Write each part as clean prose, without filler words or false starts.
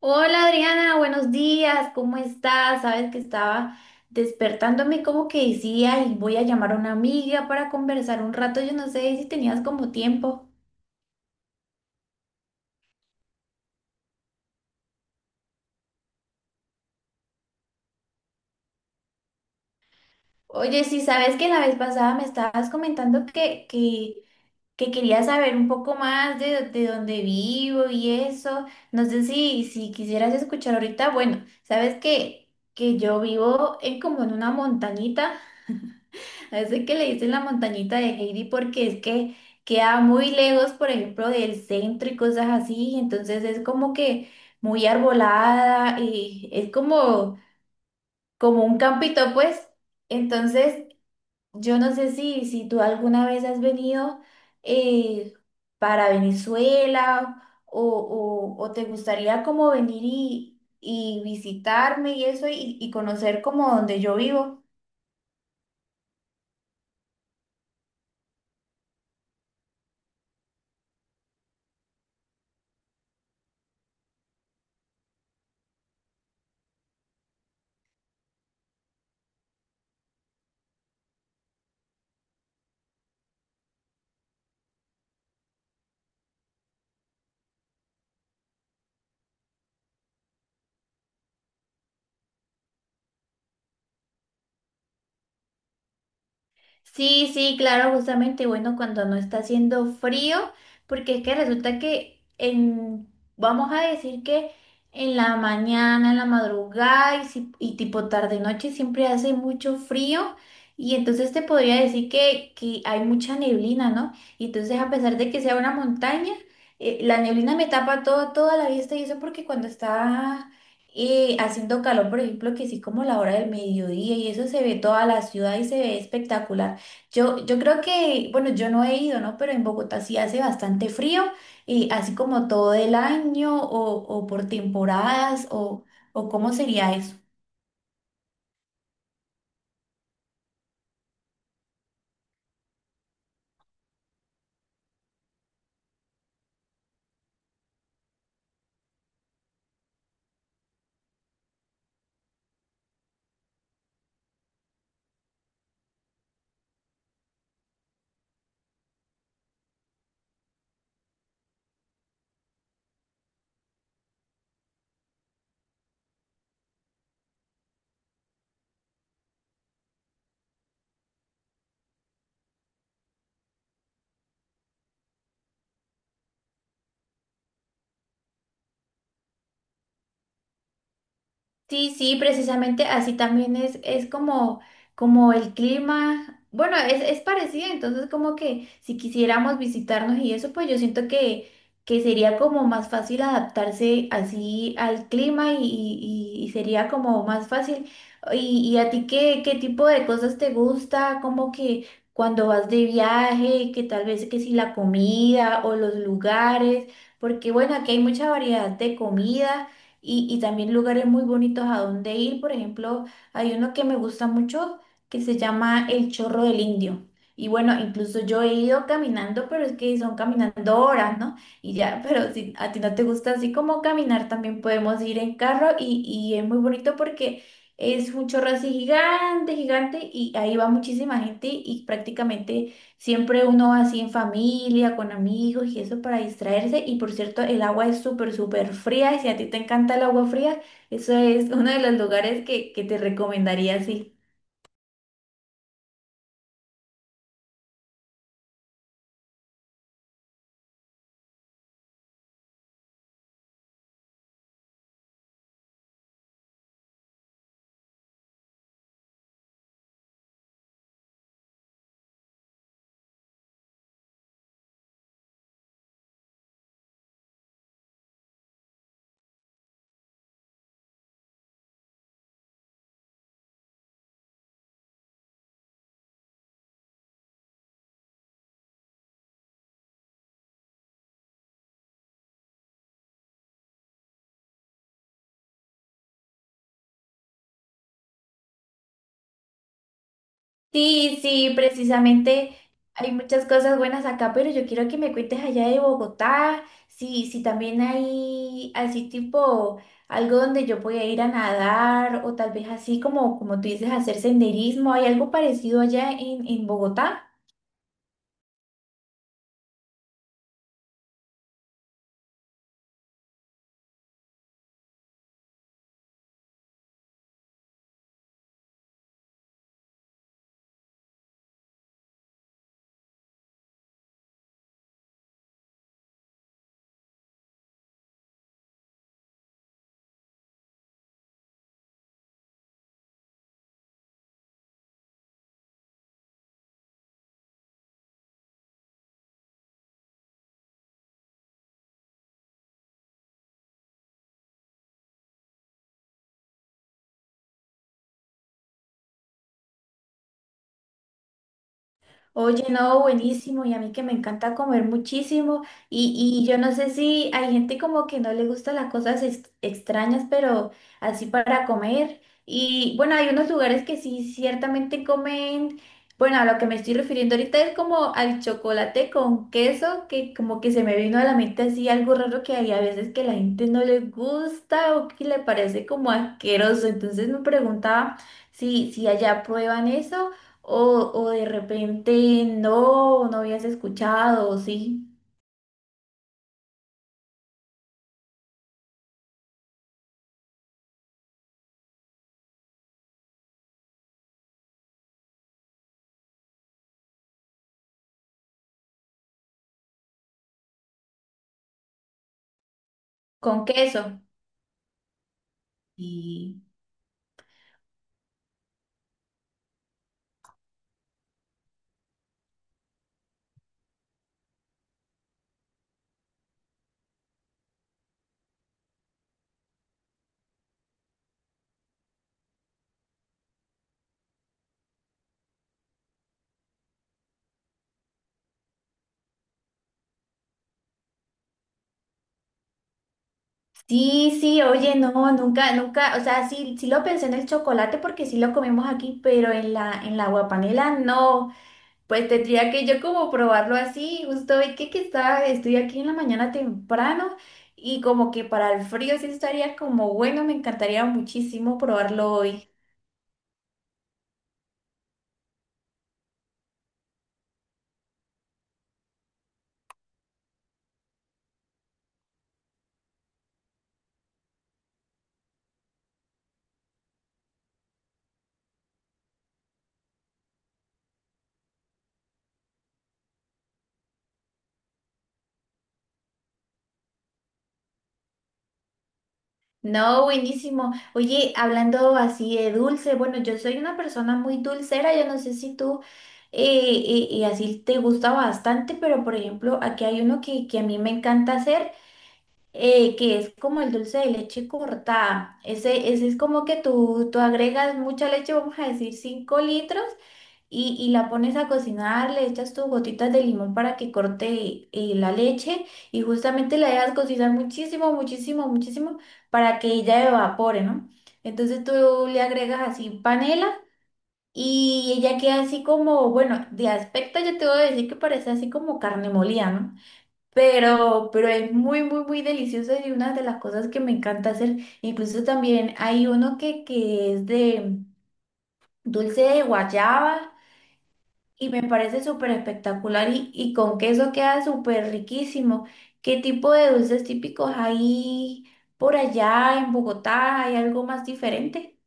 Hola Adriana, buenos días, ¿cómo estás? Sabes que estaba despertándome como que decía y voy a llamar a una amiga para conversar un rato, yo no sé si tenías como tiempo. Oye, sí, sabes que la vez pasada me estabas comentando que querías saber un poco más de dónde vivo y eso, no sé si quisieras escuchar ahorita. Bueno, sabes que yo vivo en como en una montañita. A ese que le dicen la montañita de Heidi porque es que queda muy lejos, por ejemplo, del centro y cosas así. Entonces es como que muy arbolada y es como un campito, pues. Entonces, yo no sé si tú alguna vez has venido, eh, para Venezuela o te gustaría como venir y visitarme y eso, y conocer como donde yo vivo. Sí, sí, claro, justamente, bueno, cuando no está haciendo frío, porque es que resulta que, en, vamos a decir que en la mañana, en la madrugada y, si- y tipo tarde noche, siempre hace mucho frío, y entonces te podría decir que hay mucha neblina, ¿no? Y entonces, a pesar de que sea una montaña, la neblina me tapa todo, toda la vista y eso, porque cuando está haciendo calor, por ejemplo, que sí, como la hora del mediodía y eso, se ve toda la ciudad y se ve espectacular. Yo creo que, bueno, yo no he ido, ¿no? Pero en Bogotá sí hace bastante frío, y así como todo el año, o por temporadas, o cómo sería eso. Sí, sí, precisamente, así también es como, como el clima. Bueno, es parecido, entonces como que, si quisiéramos visitarnos y eso, pues yo siento que sería como más fácil adaptarse así al clima, y sería como más fácil. ¿Y a ti qué tipo de cosas te gusta? Como que cuando vas de viaje, que tal vez que si la comida o los lugares, porque bueno, aquí hay mucha variedad de comida, y también lugares muy bonitos a donde ir. Por ejemplo, hay uno que me gusta mucho, que se llama El Chorro del Indio. Y bueno, incluso yo he ido caminando, pero es que son caminando horas, ¿no? Y ya, pero si a ti no te gusta así como caminar, también podemos ir en carro, y es muy bonito porque es un chorro así gigante, gigante, y ahí va muchísima gente, y prácticamente siempre uno va así en familia, con amigos y eso, para distraerse. Y por cierto, el agua es súper, súper fría. Y si a ti te encanta el agua fría, eso es uno de los lugares que te recomendaría, sí. Sí, sí, precisamente hay muchas cosas buenas acá, pero yo quiero que me cuentes allá de Bogotá. Sí, sí, también hay así tipo algo donde yo pueda ir a nadar, o tal vez así como, tú dices, hacer senderismo. ¿Hay algo parecido allá en Bogotá? Oye, no, buenísimo, y a mí que me encanta comer muchísimo, y yo no sé si hay gente como que no le gustan las cosas extrañas, pero así para comer. Y bueno, hay unos lugares que sí ciertamente comen. Bueno, a lo que me estoy refiriendo ahorita es como al chocolate con queso, que como que se me vino a la mente así algo raro, que hay a veces que la gente no le gusta o que le parece como asqueroso. Entonces me preguntaba si allá prueban eso, o de repente no no habías escuchado, o sí, con queso. Y sí, sí, oye, no, nunca, nunca, o sea, sí, sí lo pensé en el chocolate porque sí lo comemos aquí, pero en la guapanela no. Pues tendría que yo como probarlo así, justo hoy que estoy aquí en la mañana temprano, y como que para el frío sí estaría como bueno, me encantaría muchísimo probarlo hoy. No, buenísimo. Oye, hablando así de dulce, bueno, yo soy una persona muy dulcera, yo no sé si tú, eh, y así te gusta bastante. Pero por ejemplo, aquí hay uno que a mí me encanta hacer, que es como el dulce de leche cortada. Ese es como que tú agregas mucha leche, vamos a decir 5 litros, y la pones a cocinar, le echas tus gotitas de limón para que corte, la leche, y justamente la dejas cocinar muchísimo, muchísimo, muchísimo, para que ella evapore, ¿no? Entonces tú le agregas así panela, y ella queda así como, bueno, de aspecto yo te voy a decir que parece así como carne molida, ¿no? Pero es muy, muy, muy deliciosa, y una de las cosas que me encanta hacer. Incluso también hay uno que es de dulce de guayaba, y me parece súper espectacular, y con queso queda súper riquísimo. ¿Qué tipo de dulces típicos hay por allá en Bogotá? ¿Hay algo más diferente?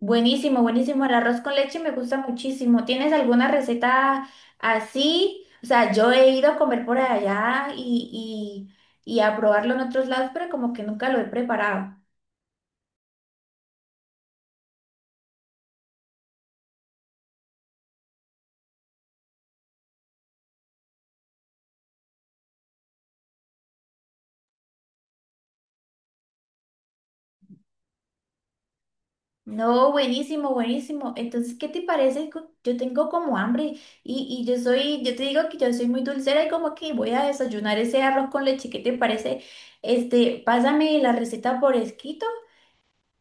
Buenísimo, buenísimo. El arroz con leche me gusta muchísimo. ¿Tienes alguna receta así? O sea, yo he ido a comer por allá, y y a probarlo en otros lados, pero como que nunca lo he preparado. No, buenísimo, buenísimo. Entonces, ¿qué te parece? Yo tengo como hambre, y yo te digo que yo soy muy dulcera, y como que voy a desayunar ese arroz con leche. ¿Qué te parece? Este, pásame la receta por escrito,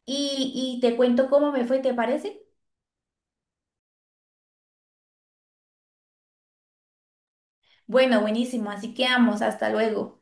y te cuento cómo me fue, ¿te parece? Bueno, buenísimo. Así que vamos, hasta luego.